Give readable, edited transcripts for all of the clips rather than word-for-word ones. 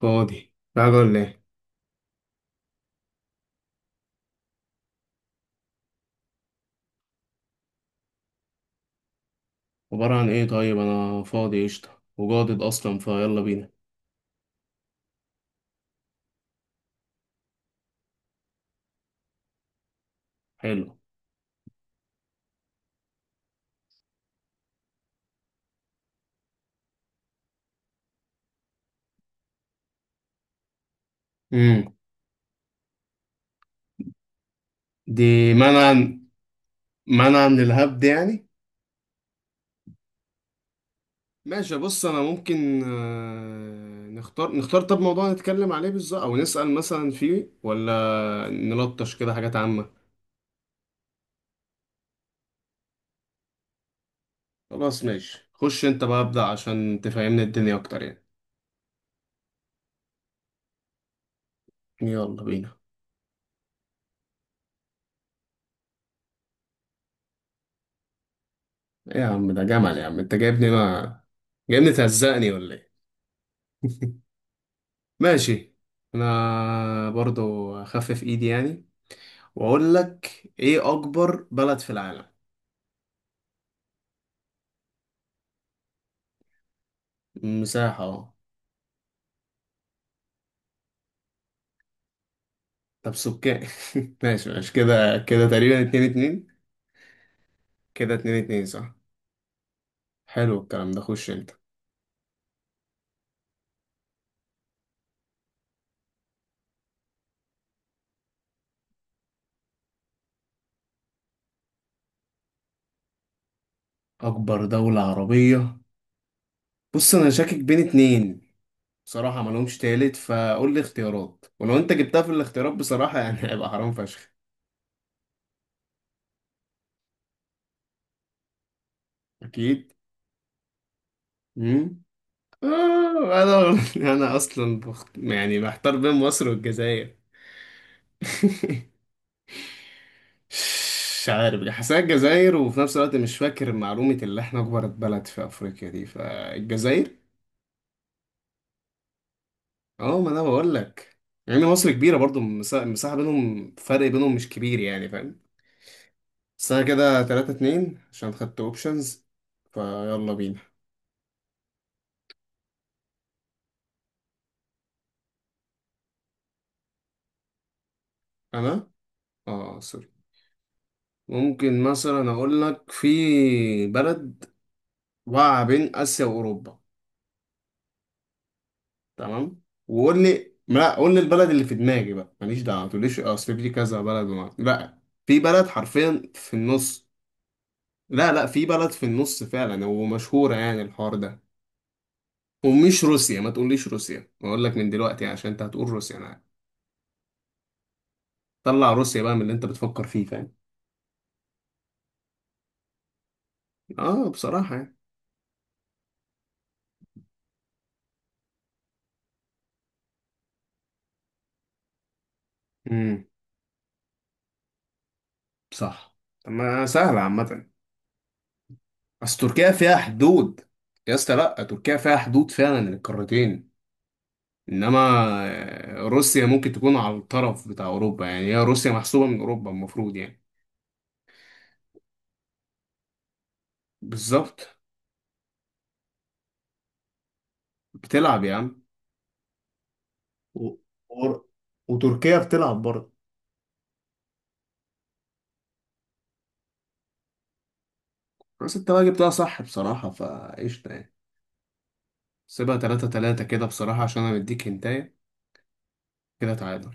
فاضي، تعالى ولا ايه؟ عبارة عن ايه؟ طيب، انا فاضي قشطة وجادد اصلا، فيلا بينا. حلو. امم. دي منع، منع من الهبد يعني. ماشي، بص، انا ممكن نختار طب موضوع نتكلم عليه بالظبط، او نسأل مثلا فيه، ولا نلطش كده حاجات عامة. خلاص ماشي، خش انت بقى ابدأ عشان تفهمني الدنيا اكتر يعني. يلا بينا. ايه يا عم؟ ده جمل يا عم، انت جايبني ما جايبني تهزقني ولا ايه؟ ماشي. انا برضو اخفف ايدي يعني، واقول لك ايه اكبر بلد في العالم. مساحة؟ اه. طب سكان. ماشي ماشي، كده كده تقريبا 2-2. كده 2-2 صح. حلو الكلام ده، خش انت. اكبر دولة عربية. بص انا شاكك بين اتنين بصراحة، ما لهمش تالت، فقول لي اختيارات، ولو انت جبتها في الاختيارات بصراحة يعني هيبقى حرام فشخ. اكيد. امم. آه انا انا اصلا يعني محتار بين مصر والجزائر. مش عارف، حاسسها الجزائر، وفي نفس الوقت مش فاكر معلومة اللي احنا أكبر بلد في أفريقيا دي، فالجزائر. اه، ما أنا بقول لك يعني مصر كبيرة برضو. المساحة بينهم، فرق بينهم مش كبير يعني، فاهم؟ بس أنا كده 3-2 عشان خدت أوبشنز. فيلا بينا. أنا، اه سوري، ممكن مثلا أقول لك في بلد واقعة بين آسيا وأوروبا، تمام؟ وقول لي، لا قول لي البلد اللي في دماغي بقى، ماليش دعوه ما تقوليش اصل في كذا بلد لا، في بلد حرفيا في النص. لا لا، في بلد في النص فعلا ومشهوره يعني الحوار ده. ومش روسيا، ما تقوليش روسيا، بقول لك من دلوقتي عشان انت هتقول روسيا، انا عارف. طلع روسيا بقى من اللي انت بتفكر فيه، فاهم؟ اه بصراحه يعني. امم. صح. طب ما سهله عامه، بس تركيا فيها حدود. يا اسطى لا، تركيا فيها حدود فعلا للقارتين، انما روسيا ممكن تكون على الطرف بتاع اوروبا يعني، هي روسيا محسوبة من اوروبا المفروض يعني. بالظبط. بتلعب يا عم. و... و... وتركيا بتلعب برضه. بس انت بقى جبتها صح بصراحة، فقشطة يعني. سيبها 3-3 كده بصراحة عشان انا مديك هنتاية. كده تعادل.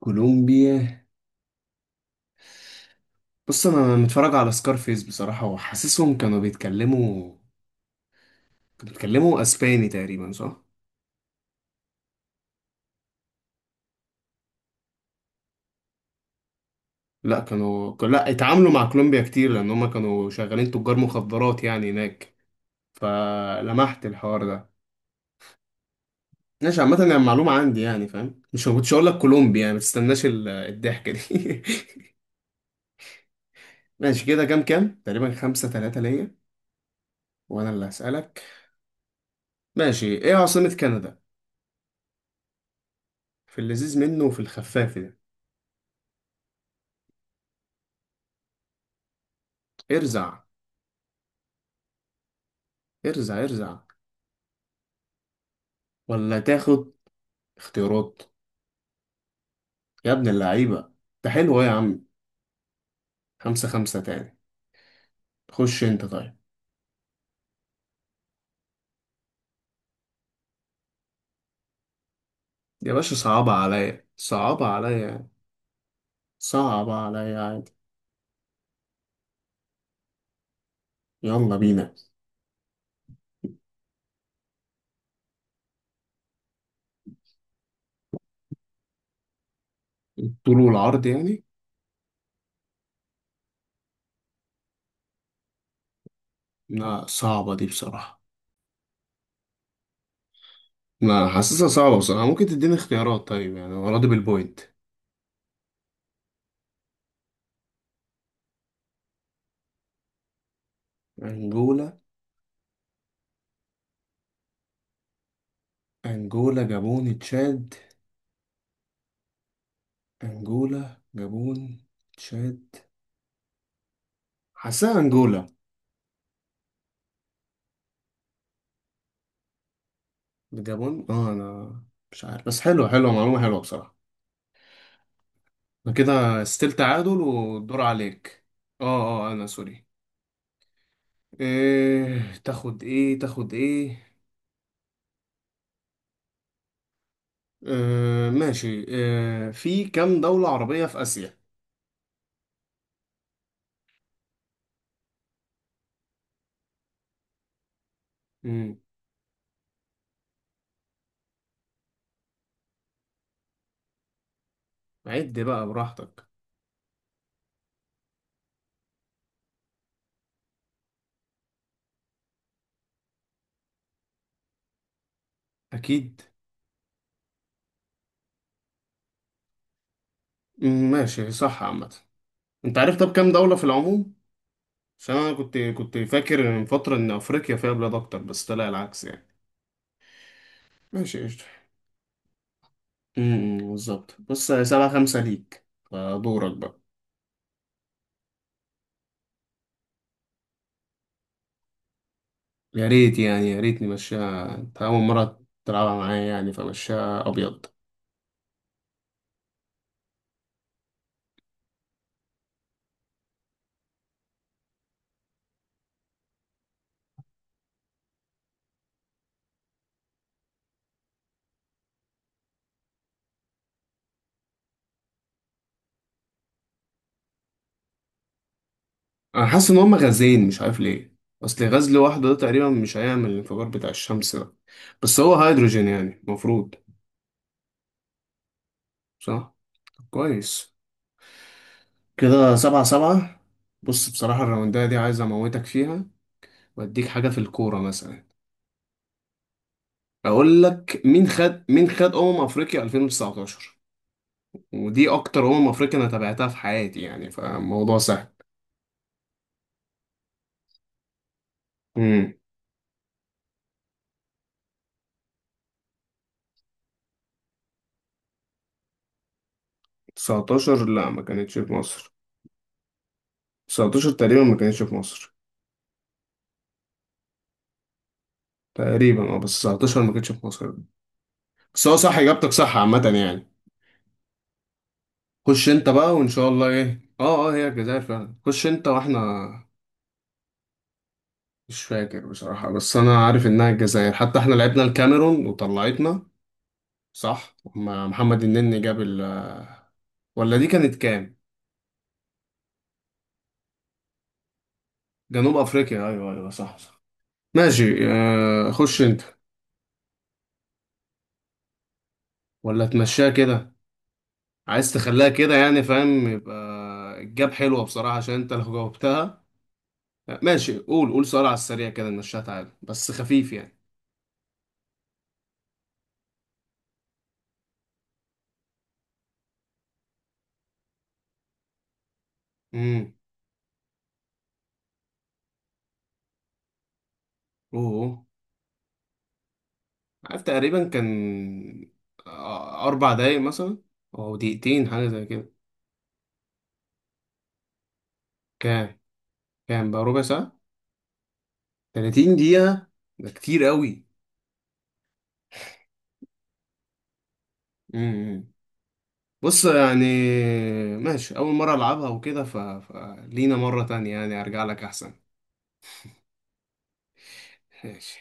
كولومبيا. بص انا متفرج على سكارفيس بصراحة، وحاسسهم كانوا بيتكلموا اسباني تقريبا، صح؟ لا، كانوا، لا اتعاملوا مع كولومبيا كتير لان هم كانوا شغالين تجار مخدرات يعني هناك، فلمحت الحوار ده. ماشي، عامة يعني معلومة عندي يعني، فاهم؟ مش كنتش هقول لك كولومبي يعني، ما تستناش الضحكة دي. ماشي، كده كام كام تقريبا 5-3 ليا. وأنا اللي هسألك. ماشي، إيه عاصمة كندا؟ في اللذيذ منه وفي الخفاف ده. ارزع، ارزع، ارزع، ولا تاخد اختيارات؟ يا ابن اللعيبة، ده حلو أوي يا عم. 5-5 تاني. خش أنت طيب. يا باشا، صعبة عليا، صعبة عليا، صعبة عليا عادي. يلا بينا. الطول والعرض يعني. لا صعبة دي بصراحة، لا حاسسها صعبة بصراحة، ممكن تديني اختيارات طيب يعني، أنا راضي بالبوينت. أنجولا. أنجولا جابون تشاد. أنجولا جابون، تشاد. حاسسها أنجولا. جابون، اه. أنا مش عارف، بس حلوة، حلوة معلومة، حلوة بصراحة. أنا كده ستيل تعادل والدور عليك. اه اه، أنا سوري. إيه تاخد إيه؟ ماشي، في كام دولة عربية في آسيا؟ مم. عد بقى براحتك. اكيد. ماشي صح عامه. انت عارف طب كام دوله في العموم؟ عشان انا كنت فاكر من فتره ان افريقيا فيها بلاد اكتر، بس طلع العكس يعني. ماشي قشطة. بالظبط، بص 7-5 ليك، فدورك بقى. يا ريت يعني، يا ريت نمشيها، انت اول مره تلعبها معايا يعني، فمشيها ابيض. انا حاسس ان هما غازين، مش عارف ليه، اصل غاز لوحده ده تقريبا مش هيعمل الانفجار بتاع الشمس ده، بس هو هيدروجين يعني المفروض. صح. طب كويس، كده 7-7. بص بصراحة الراوندة دي عايز أموتك فيها، وأديك حاجة في الكورة مثلا. أقول لك مين خد أمم أفريقيا 2019. ودي أكتر أمم أفريقيا أنا تابعتها في حياتي يعني، فالموضوع سهل. امم. 19 لا، ما كانتش في مصر. 19 تقريبا ما كانتش في مصر. تقريبا اه، بس 19 ما كانتش في مصر. بس هو صح إجابتك، صح عامة يعني. خش أنت بقى، وإن شاء الله إيه، اه اه، هي الجزائر فعلا، خش أنت وإحنا. مش فاكر بصراحة، بس أنا عارف إنها الجزائر، حتى إحنا لعبنا الكاميرون وطلعتنا. صح، محمد النني جاب ال آه، ولا دي كانت كام؟ جنوب أفريقيا، أيوه أيوه، صح صح. ماشي خش أنت. ولا تمشيها كده؟ عايز تخليها كده يعني، فاهم؟ يبقى الجاب حلوة بصراحة، عشان أنت لو جاوبتها. ماشي، قول قول سؤال على السريع كده نمشيها، تعالى بس خفيف يعني. امم. أوه. عارف، تقريبا كان 4 دقايق مثلا، أو دقيقتين حاجة زي كده. كام؟ كام بقى، ربع ساعة؟ 30 دقيقة. ده كتير قوي. إمم. بص يعني، ماشي، أول مرة ألعبها وكده فلينا مرة تانية يعني، أرجع لك أحسن. ماشي.